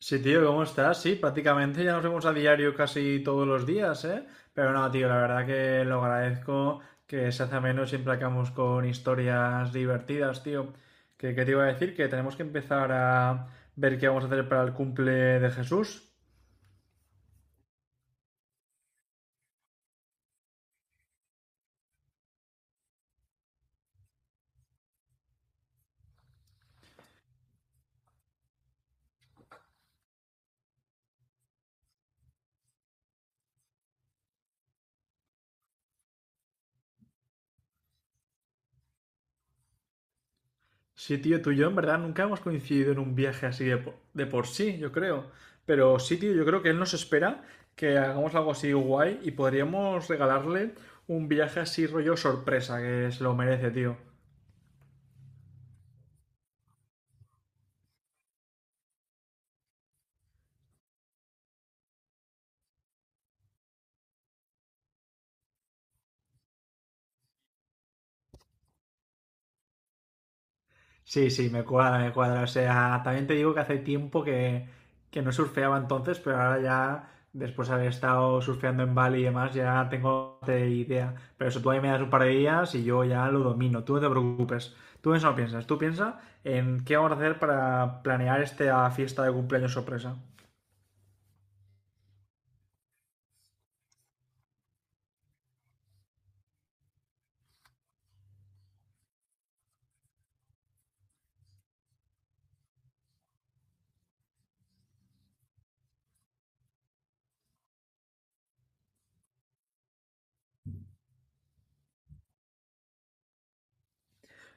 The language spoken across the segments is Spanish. Sí, tío, ¿cómo estás? Sí, prácticamente ya nos vemos a diario casi todos los días, ¿eh? Pero no, tío, la verdad que lo agradezco que se hace menos siempre acabamos con historias divertidas, tío. Qué te iba a decir que tenemos que empezar a ver qué vamos a hacer para el cumple de Jesús. Sí, tío, tú y yo en verdad nunca hemos coincidido en un viaje así de por sí, yo creo. Pero sí, tío, yo creo que él nos espera que hagamos algo así guay y podríamos regalarle un viaje así rollo sorpresa, que se lo merece, tío. Sí, sí, me cuadra, me cuadra. O sea, también te digo que hace tiempo que no surfeaba entonces, pero ahora ya, después de haber estado surfeando en Bali y demás, ya tengo bastante idea. Pero eso tú ahí me das un par de días y yo ya lo domino. Tú no te preocupes. Tú en eso no piensas. Tú piensa en qué vamos a hacer para planear esta fiesta de cumpleaños sorpresa.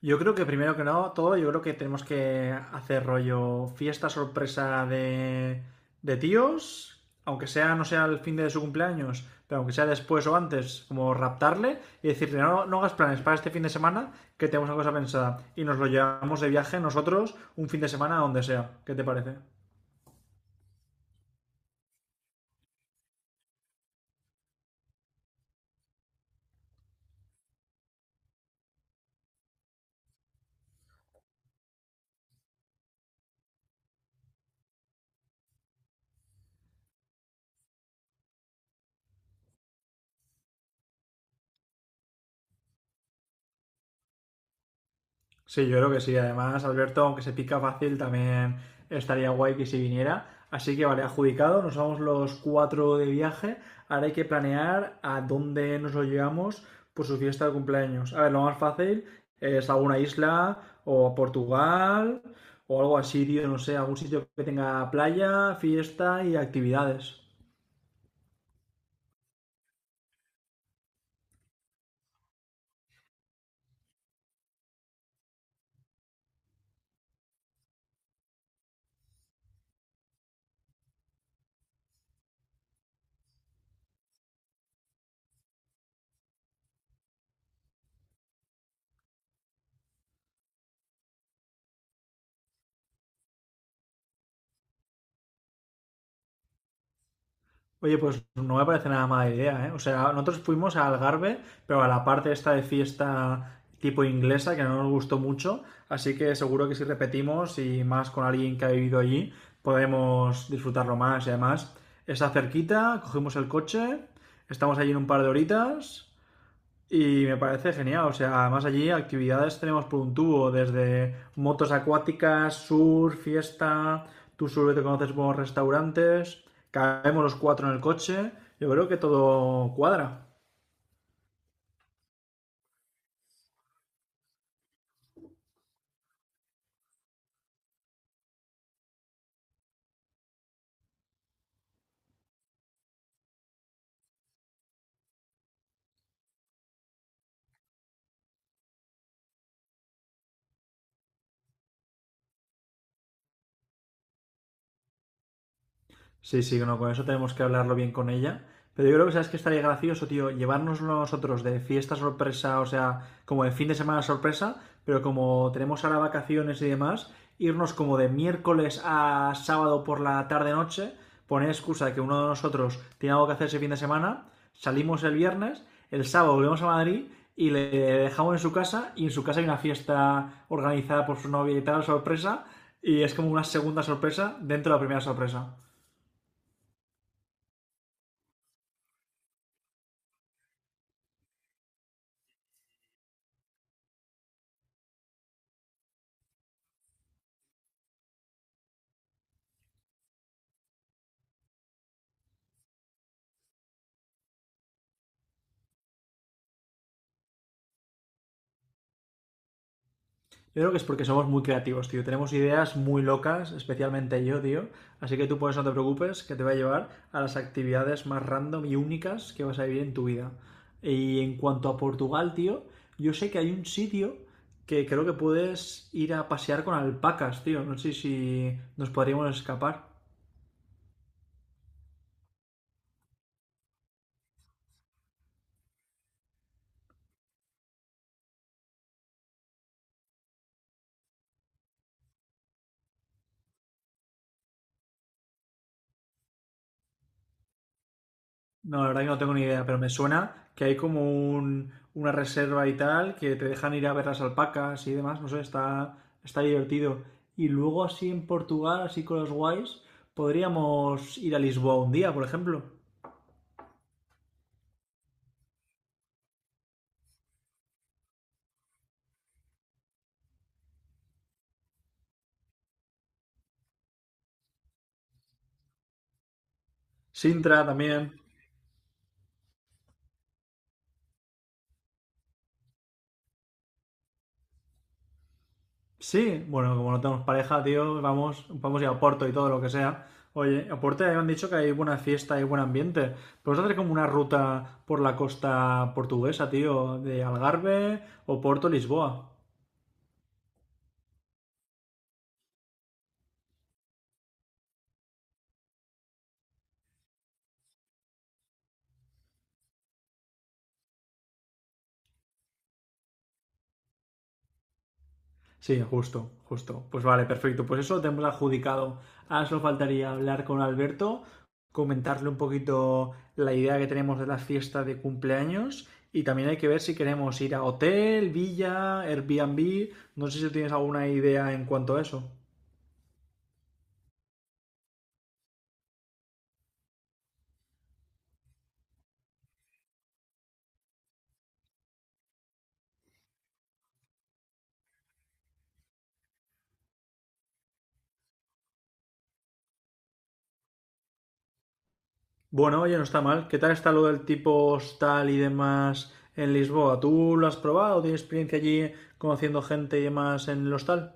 Yo creo que primero que no, todo, yo creo que tenemos que hacer rollo fiesta sorpresa de tíos, aunque sea no sea el fin de su cumpleaños, pero aunque sea después o antes, como raptarle y decirle, no, no hagas planes para este fin de semana, que tenemos una cosa pensada. Y nos lo llevamos de viaje nosotros un fin de semana a donde sea. ¿Qué te parece? Sí, yo creo que sí. Además, Alberto, aunque se pica fácil, también estaría guay que si viniera. Así que vale, adjudicado, nos vamos los cuatro de viaje. Ahora hay que planear a dónde nos lo llevamos por su fiesta de cumpleaños. A ver, lo más fácil es alguna isla o a Portugal o algo así, tío, no sé, algún sitio que tenga playa, fiesta y actividades. Oye, pues no me parece nada mala idea, ¿eh? O sea, nosotros fuimos a Algarve, pero a la parte esta de fiesta tipo inglesa, que no nos gustó mucho, así que seguro que si repetimos y más con alguien que ha vivido allí, podemos disfrutarlo más. Y además, está cerquita, cogimos el coche, estamos allí en un par de horitas y me parece genial, o sea, además allí actividades tenemos por un tubo, desde motos acuáticas, surf fiesta, tú solo te conoces buenos restaurantes, caemos los cuatro en el coche, yo creo que todo cuadra. Sí, sí, no, con eso tenemos que hablarlo bien con ella. Pero yo creo que sabes que estaría gracioso, tío, llevarnos nosotros de fiesta sorpresa, o sea, como de fin de semana sorpresa, pero como tenemos ahora vacaciones y demás, irnos como de miércoles a sábado por la tarde-noche, poner excusa de que uno de nosotros tiene algo que hacer ese fin de semana, salimos el viernes, el sábado volvemos a Madrid y le dejamos en su casa y en su casa hay una fiesta organizada por su novia y tal, sorpresa, y es como una segunda sorpresa dentro de la primera sorpresa. Yo creo que es porque somos muy creativos, tío. Tenemos ideas muy locas, especialmente yo, tío. Así que tú por no te preocupes, que te va a llevar a las actividades más random y únicas que vas a vivir en tu vida. Y en cuanto a Portugal, tío, yo sé que hay un sitio que creo que puedes ir a pasear con alpacas, tío. No sé si nos podríamos escapar. No, la verdad que no tengo ni idea, pero me suena que hay como una reserva y tal, que te dejan ir a ver las alpacas y demás, no sé, está divertido. Y luego así en Portugal, así con los guays, podríamos ir a Lisboa un día, por ejemplo. Sintra también. Sí, bueno, como no tenemos pareja, tío, vamos, vamos a ir a Porto y todo lo que sea. Oye, a Porto ya me han dicho que hay buena fiesta y buen ambiente. Podemos hacer como una ruta por la costa portuguesa, tío, de Algarve o Porto, Lisboa. Sí, justo, justo. Pues vale, perfecto. Pues eso lo tenemos adjudicado. Ahora solo faltaría hablar con Alberto, comentarle un poquito la idea que tenemos de las fiestas de cumpleaños y también hay que ver si queremos ir a hotel, villa, Airbnb. No sé si tienes alguna idea en cuanto a eso. Bueno, oye, no está mal. ¿Qué tal está lo del tipo hostal y demás en Lisboa? ¿Tú lo has probado? ¿Tienes experiencia allí conociendo gente y demás en el hostal?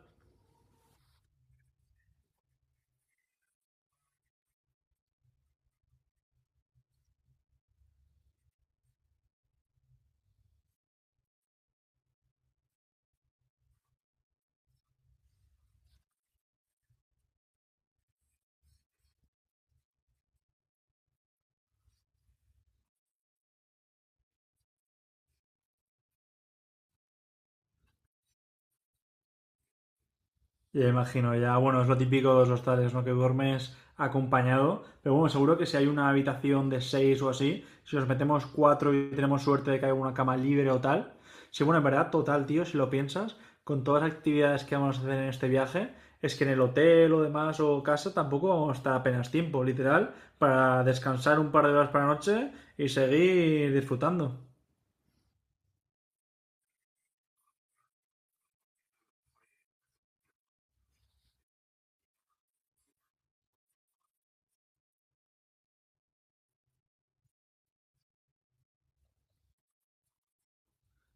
Ya imagino, ya, bueno, es lo típico de los hostales, ¿no? Que duermes acompañado, pero bueno, seguro que si hay una habitación de seis o así, si nos metemos cuatro y tenemos suerte de que haya una cama libre o tal, sí, bueno, en verdad, total, tío, si lo piensas, con todas las actividades que vamos a hacer en este viaje, es que en el hotel o demás o casa tampoco vamos a estar apenas tiempo, literal, para descansar un par de horas para la noche y seguir disfrutando.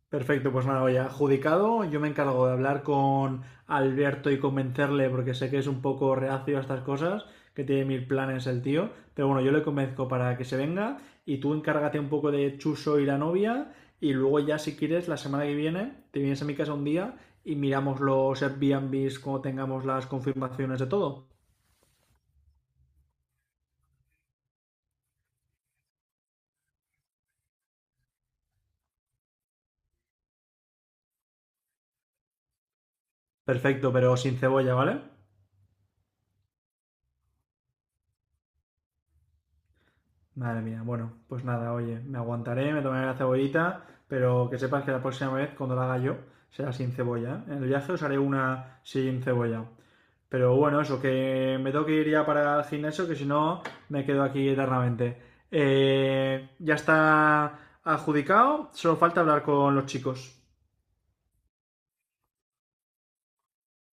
Perfecto, pues nada, ya adjudicado. Yo me encargo de hablar con Alberto y convencerle, porque sé que es un poco reacio a estas cosas, que tiene mil planes el tío. Pero bueno, yo le convenzco para que se venga y tú encárgate un poco de Chuso y la novia. Y luego ya, si quieres, la semana que viene te vienes a mi casa un día y miramos los Airbnbs cuando tengamos las confirmaciones de todo. Perfecto, pero sin cebolla, ¿vale? Madre mía, bueno, pues nada, oye, me aguantaré, me tomaré la cebollita, pero que sepas que la próxima vez, cuando la haga yo, será sin cebolla. ¿Eh? En el viaje os haré una sin cebolla. Pero bueno, eso, que me tengo que ir ya para el gimnasio, que si no, me quedo aquí eternamente. Ya está adjudicado, solo falta hablar con los chicos.